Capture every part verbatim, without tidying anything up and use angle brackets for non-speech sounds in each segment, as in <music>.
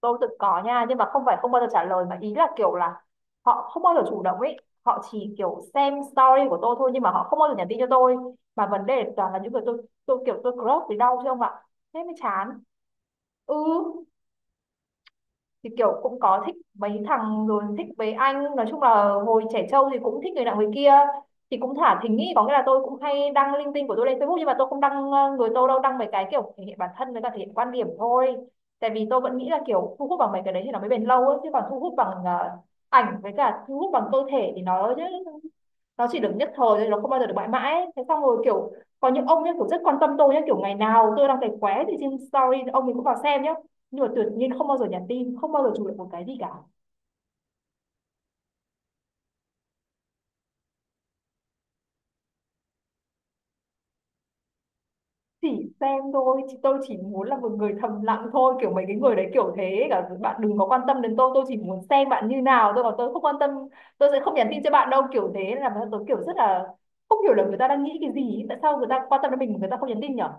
Tôi tự có nha, nhưng mà không phải không bao giờ trả lời, mà ý là kiểu là họ không bao giờ chủ động ấy. Họ chỉ kiểu xem story của tôi thôi, nhưng mà họ không bao giờ nhắn tin cho tôi. Mà vấn đề toàn là những người tôi tôi kiểu tôi crush thì đau chứ không ạ. Thế mới chán. Ừ, thì kiểu cũng có thích mấy thằng, rồi thích mấy anh, nói chung là hồi trẻ trâu thì cũng thích người nào người kia. Thì cũng thả thính ý, có nghĩa là tôi cũng hay đăng linh tinh của tôi lên Facebook, nhưng mà tôi không đăng ờ, người tôi đâu, đăng mấy cái kiểu thể hiện bản thân với cả thể hiện quan điểm thôi. Tại vì tôi vẫn nghĩ là kiểu thu hút bằng mấy cái đấy thì nó mới bền lâu ấy, chứ còn thu hút bằng ờ, ảnh với cả thu hút bằng cơ thể thì nó nó chỉ được nhất thời thôi, nó không bao giờ được mãi mãi. Thế xong rồi kiểu có những ông nhá, kiểu rất quan tâm tôi nhá, kiểu ngày nào tôi đang thấy khóe thì trên story ông mình cũng vào xem nhá. Nhưng mà tuyệt nhiên không bao giờ nhắn tin, không bao giờ chụp được một cái gì cả. Chỉ xem thôi, chỉ, tôi chỉ muốn là một người thầm lặng thôi, kiểu mấy cái người đấy kiểu thế, cả bạn đừng có quan tâm đến tôi tôi chỉ muốn xem bạn như nào tôi còn, tôi không quan tâm. Tôi sẽ không nhắn tin cho bạn đâu, kiểu thế. Nên là tôi kiểu rất là không hiểu là người ta đang nghĩ cái gì, tại sao người ta quan tâm đến mình mà người ta không nhắn tin nhở.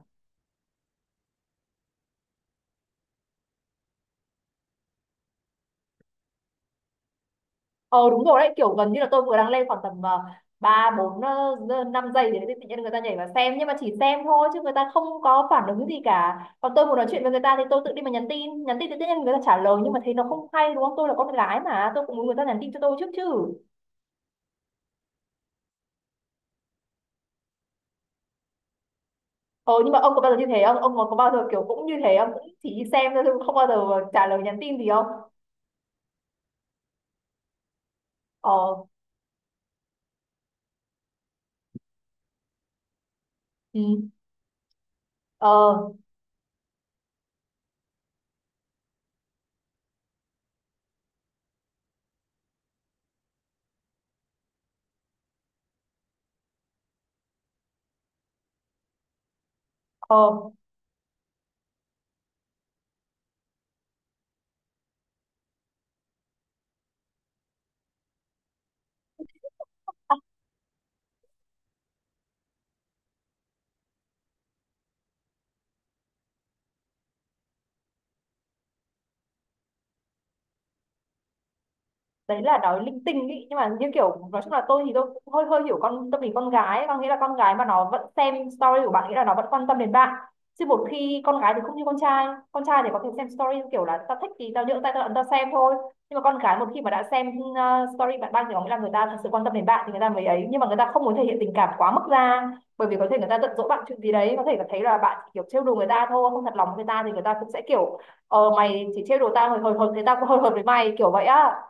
Ờ, đúng rồi đấy, kiểu gần như là tôi vừa đang lên khoảng tầm ờ, ba bốn ờ, giờ- năm giây thì tự nhiên người ta nhảy vào xem, nhưng mà chỉ xem thôi chứ người ta không có phản ứng gì cả. Còn tôi muốn nói chuyện với người ta thì tôi tự đi mà nhắn tin. Nhắn tin thì tự nhiên người ta trả lời, nhưng mà thấy nó không hay đúng không? Tôi là con gái mà, tôi cũng muốn người ta nhắn tin cho tôi trước chứ. ờ nhưng mà ông có bao giờ như thế không? Ông có có bao giờ kiểu cũng như thế, ông cũng chỉ đi xem thôi, không bao giờ trả lời nhắn tin gì không? Ờ. Ừ. Ờ. Ờ, đấy là nói linh tinh ý, nhưng mà như kiểu nói chung là tôi thì tôi cũng hơi hơi hiểu con tâm lý con gái ấy. Có nghĩa là con gái mà nó vẫn xem story của bạn nghĩa là nó vẫn quan tâm đến bạn, chứ một khi con gái thì không như con trai. Con trai thì có thể xem story kiểu là tao thích thì tao nhượng tay tao ấn tao xem thôi. Nhưng mà con gái một khi mà đã xem ờ, story bạn đăng thì có nghĩa là người ta thật sự quan tâm đến bạn thì người ta mới ấy, nhưng mà người ta không muốn thể hiện tình cảm quá mức ra. Bởi vì có thể người ta giận dỗi bạn chuyện gì đấy, có thể là thấy là bạn chỉ kiểu trêu đùa người ta thôi, không thật lòng với người ta, thì người ta cũng sẽ kiểu ờ mày chỉ trêu đùa tao hồi hồi hồi, thế tao cũng hồi hồi với mày kiểu vậy á.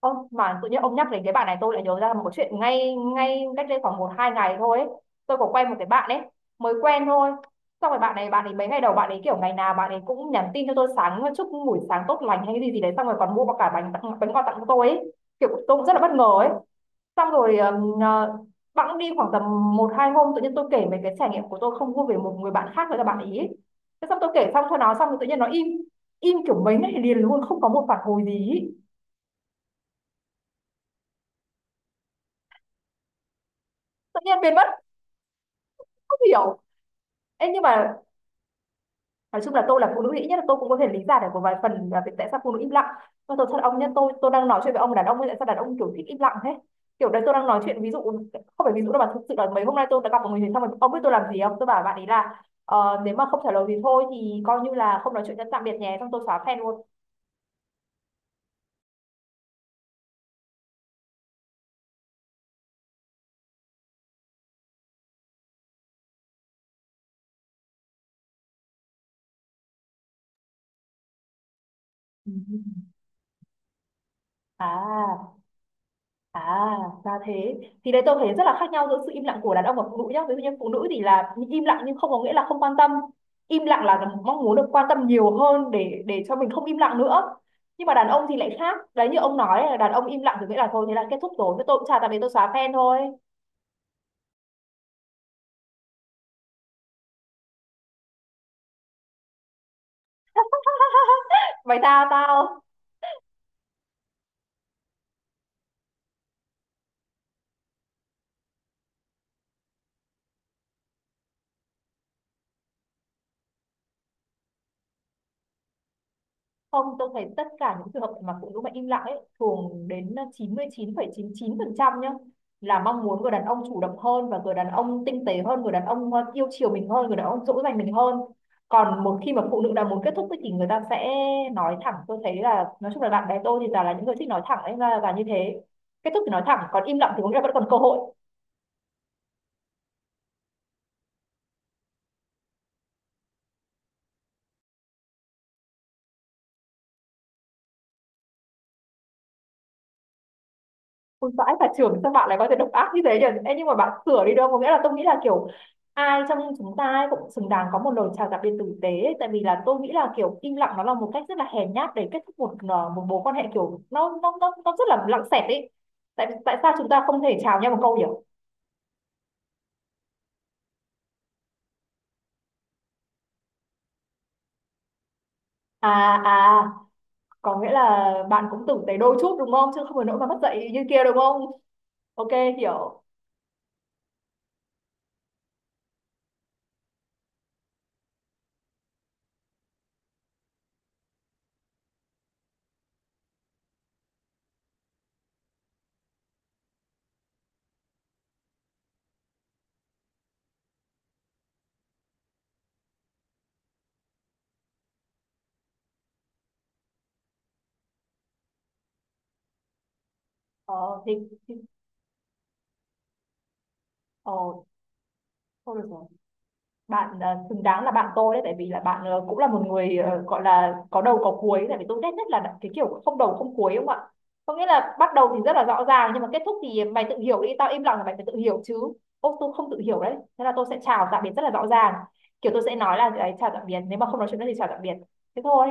Ông mà tự nhiên ông nhắc đến cái bạn này tôi lại nhớ ra một cái chuyện ngay ngay cách đây khoảng một hai ngày thôi ấy. Tôi có quen một cái bạn ấy, mới quen thôi, xong rồi bạn này, bạn ấy mấy ngày đầu bạn ấy kiểu ngày nào bạn ấy cũng nhắn tin cho tôi, sáng chúc buổi sáng tốt lành hay cái gì gì đấy, xong rồi còn mua cả bánh, tặng bánh, quà tặng cho tôi ấy. Kiểu tôi cũng rất là bất ngờ ấy. Xong rồi ừm, ờ, bẵng đi khoảng tầm một hai hôm tự nhiên tôi kể về cái trải nghiệm của tôi không vui về một người bạn khác nữa là bạn ý. Thế xong tôi kể xong cho nó, xong rồi tự nhiên nó im im kiểu mấy ngày liền luôn, không có một phản hồi gì ý. Tự nhiên biến mất. Không hiểu. Ê, nhưng mà nói chung là tôi là phụ nữ, ít nhất là tôi cũng có thể lý giải được một vài phần là việc tại sao phụ nữ im lặng. Và tôi thật, ông nhá, tôi tôi đang nói chuyện với ông đàn ông ấy, tại sao đàn ông kiểu thích im lặng thế? Kiểu đấy tôi đang nói chuyện ví dụ, không phải ví dụ đâu mà thực sự là mấy hôm nay tôi đã gặp một người, xong rồi ông biết tôi làm gì không? Tôi bảo bạn ấy là ờ, nếu mà không trả lời thì thôi, thì coi như là không nói chuyện nữa, tạm biệt nhé, xong tôi xóa fan luôn. <laughs> À. À, ra thế. Thì đấy tôi thấy rất là khác nhau giữa sự im lặng của đàn ông và phụ nữ nhá. Ví dụ như phụ nữ thì là im lặng nhưng không có nghĩa là không quan tâm. Im lặng là mong muốn được quan tâm nhiều hơn, để để cho mình không im lặng nữa. Nhưng mà đàn ông thì lại khác. Đấy, như ông nói là đàn ông im lặng thì nghĩa là thôi thế là kết thúc rồi. Thế tôi cũng chả tạm biệt, tôi xóa fan thôi. Mày tao tao. Không, tôi thấy tất cả những trường hợp mà phụ nữ mà im lặng ấy thường đến chín mươi chín phẩy chín chín phần trăm nhá, là mong muốn người đàn ông chủ động hơn và người đàn ông tinh tế hơn, người đàn ông ờ, yêu chiều mình hơn, người đàn ông dỗ dành mình hơn. Còn một khi mà phụ nữ đã muốn kết thúc ấy, thì người ta sẽ nói thẳng. Tôi thấy là nói chung là bạn bè tôi thì toàn là những người thích nói thẳng ấy ra là như thế. Kết thúc thì nói thẳng, còn im lặng thì có nghĩa là vẫn còn cơ hội. Ôi vãi cả trưởng, sao bạn lại có thể độc ác như thế nhỉ? Ê, nhưng mà bạn sửa đi, đâu có nghĩa là, tôi nghĩ là kiểu ai trong chúng ta ấy cũng xứng đáng có một lời chào tạm biệt tử tế ấy. Tại vì là tôi nghĩ là kiểu im lặng nó là một cách rất là hèn nhát để kết thúc một ờ, một mối quan hệ, kiểu nó nó nó, nó rất là lặng xẹt ấy, tại tại sao chúng ta không thể chào nhau một câu nhỉ? À à có nghĩa là bạn cũng tử tế đôi chút đúng không, chứ không phải nỗi mà mất dạy như kia đúng không? OK. Hiểu. Ờ thì, thì ờ thôi được rồi, bạn ờ, xứng đáng là bạn tôi đấy, tại vì là bạn ờ, cũng là một người ờ, gọi là có đầu có cuối, tại vì tôi ghét nhất là cái kiểu không đầu không cuối đúng không ạ. Có nghĩa là bắt đầu thì rất là rõ ràng nhưng mà kết thúc thì mày tự hiểu đi, tao im lặng là mày phải tự hiểu chứ. Ô, tôi không tự hiểu đấy, thế là tôi sẽ chào tạm biệt rất là rõ ràng, kiểu tôi sẽ nói là đấy, chào tạm biệt, nếu mà không nói chuyện nữa thì chào tạm biệt. Thế thôi.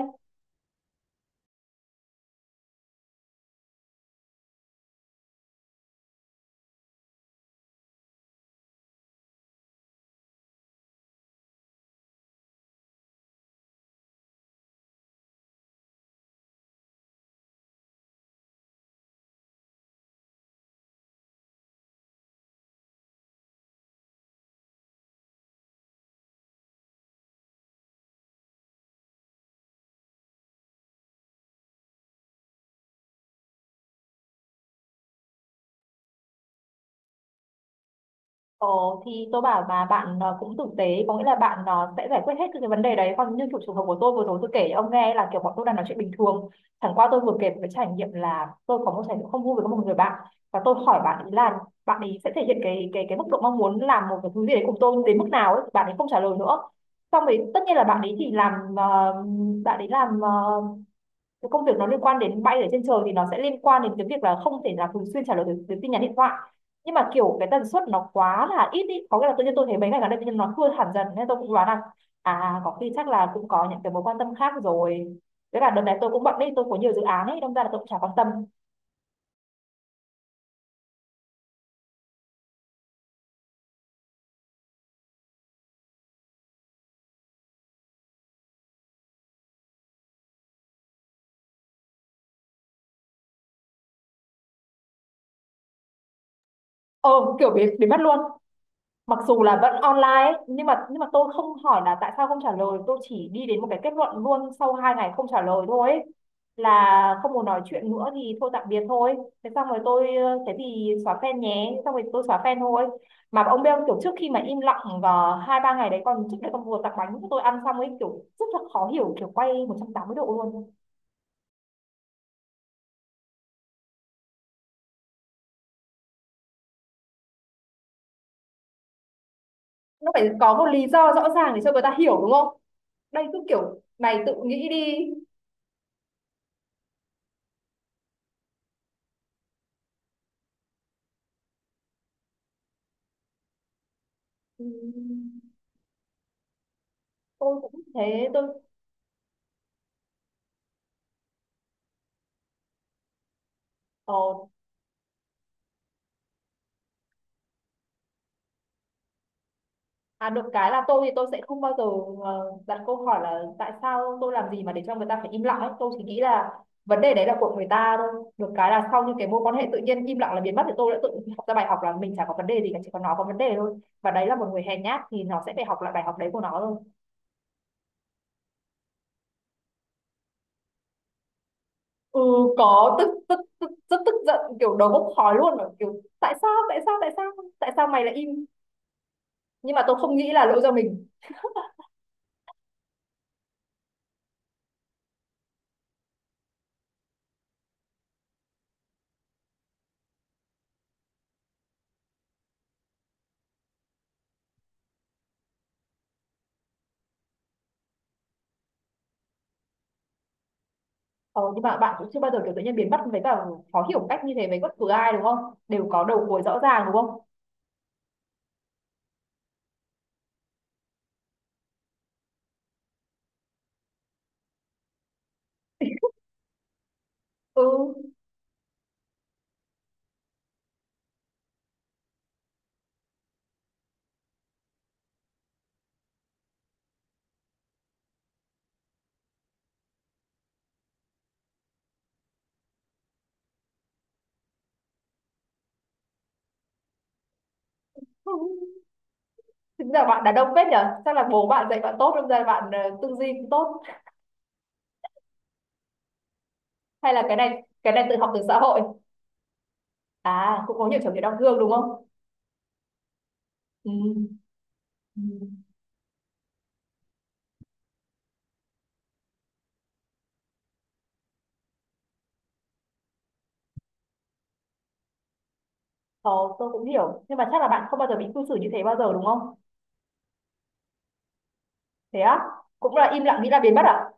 Ồ, thì tôi bảo mà bạn ờ, cũng tử tế, có nghĩa là bạn ờ, sẽ giải quyết hết cái vấn đề đấy. Còn như kiểu trường hợp của tôi vừa rồi tôi kể cho ông nghe là kiểu bọn tôi đang nói chuyện bình thường, chẳng qua tôi vừa kể một cái trải nghiệm là tôi có một trải nghiệm không vui với một người bạn, và tôi hỏi bạn ấy là bạn ấy sẽ thể hiện cái cái cái mức độ mong muốn làm một cái thứ gì đấy cùng tôi đến mức nào ấy, bạn ấy không trả lời nữa. Xong rồi tất nhiên là bạn ấy thì làm ờ, bạn ấy làm ờ, cái công việc nó liên quan đến bay ở trên trời thì nó sẽ liên quan đến cái việc là không thể là thường xuyên trả lời được được tin nhắn điện thoại. Nhưng mà kiểu cái tần suất nó quá là ít ý, có nghĩa là tự nhiên tôi thấy mấy ngày gần đây tự nhiên nó thưa hẳn dần, nên tôi cũng đoán là à có khi chắc là cũng có những cái mối quan tâm khác rồi, với là đợt này tôi cũng bận đi, tôi có nhiều dự án ấy đâm ra là tôi cũng chả quan tâm. ờ Kiểu bị bị mất luôn, mặc dù là vẫn online ấy, nhưng mà nhưng mà tôi không hỏi là tại sao không trả lời, tôi chỉ đi đến một cái kết luận luôn sau hai ngày không trả lời thôi ấy, là không muốn nói chuyện nữa thì thôi tạm biệt thôi. Thế xong rồi tôi ờ, thế thì xóa fan nhé, xong rồi tôi xóa fan thôi. Mà ông beo kiểu trước khi mà im lặng vào hai ba ngày đấy, còn trước đấy còn vừa tặng bánh cho tôi ăn xong ấy, kiểu rất là khó hiểu, kiểu quay một trăm tám mươi độ luôn. Nó phải có một lý do rõ ràng để cho người ta hiểu đúng không? Đây cứ kiểu mày tự nghĩ đi. Ừ, tôi cũng thế tôi. Ờ. À, được cái là tôi thì tôi sẽ không bao giờ ờ, đặt câu hỏi là tại sao tôi làm gì mà để cho người ta phải im lặng ấy. Tôi chỉ nghĩ là vấn đề đấy là của người ta thôi. Được cái là sau những cái mối quan hệ tự nhiên im lặng là biến mất thì tôi đã tự học ra bài học là mình chả có vấn đề gì cả, chỉ có nó có vấn đề thôi. Và đấy là một người hèn nhát thì nó sẽ phải học lại bài học đấy của nó thôi. Ừ, có tức tức tức rất tức giận, kiểu đầu bốc khói luôn, kiểu tại sao tại sao tại sao, tại sao mày lại im, nhưng mà tôi không nghĩ là lỗi do mình. Ờ, nhưng mà bạn cũng chưa bao giờ kiểu tự nhiên biến mất với cả khó hiểu một cách như thế với bất cứ ai đúng không? Đều có đầu cuối rõ ràng đúng không? Ừ. <laughs> Thực ra bạn đàn ông phết nhở? Chắc là bố bạn dạy bạn tốt đâm ra bạn ờ, tư duy cũng tốt. Hay là cái này cái này tự học từ xã hội. À, cũng có nhiều trải nghiệm đau thương đúng không? Ừ. Ừ. Ờ, tôi cũng hiểu. Nhưng mà chắc là bạn không bao giờ bị cư xử như thế bao giờ đúng không? Thế á? Cũng là im lặng nghĩ là biến mất à?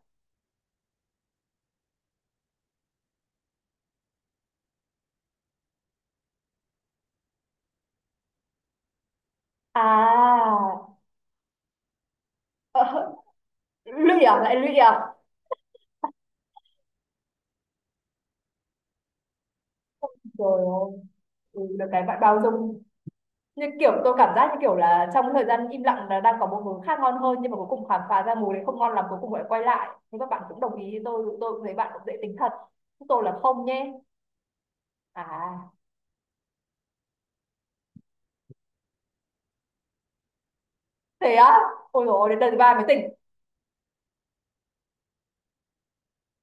À, <laughs> ờ, lụy à? Lại lụy à? Rồi, ừ, được cái bạn bao dung, như kiểu tôi cảm giác như kiểu là trong thời gian im lặng là đang có một hướng khác ngon hơn nhưng mà cuối cùng khám phá ra mùi đấy không ngon lắm, cuối cùng lại quay lại, nhưng các bạn cũng đồng ý với tôi tôi cũng thấy bạn cũng dễ tính thật. Chúng tôi là không nhé. À, thế á. Ôi dồi ôi, đến lần thứ ba mới tỉnh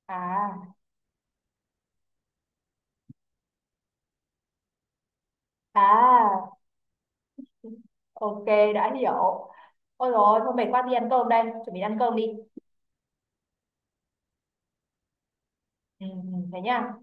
à? À, ok, đã hiểu. Ôi dồi ôi, thôi mệt quá, đi ăn cơm đây, chuẩn bị ăn cơm đi. Ừ, ừ, thế nhá.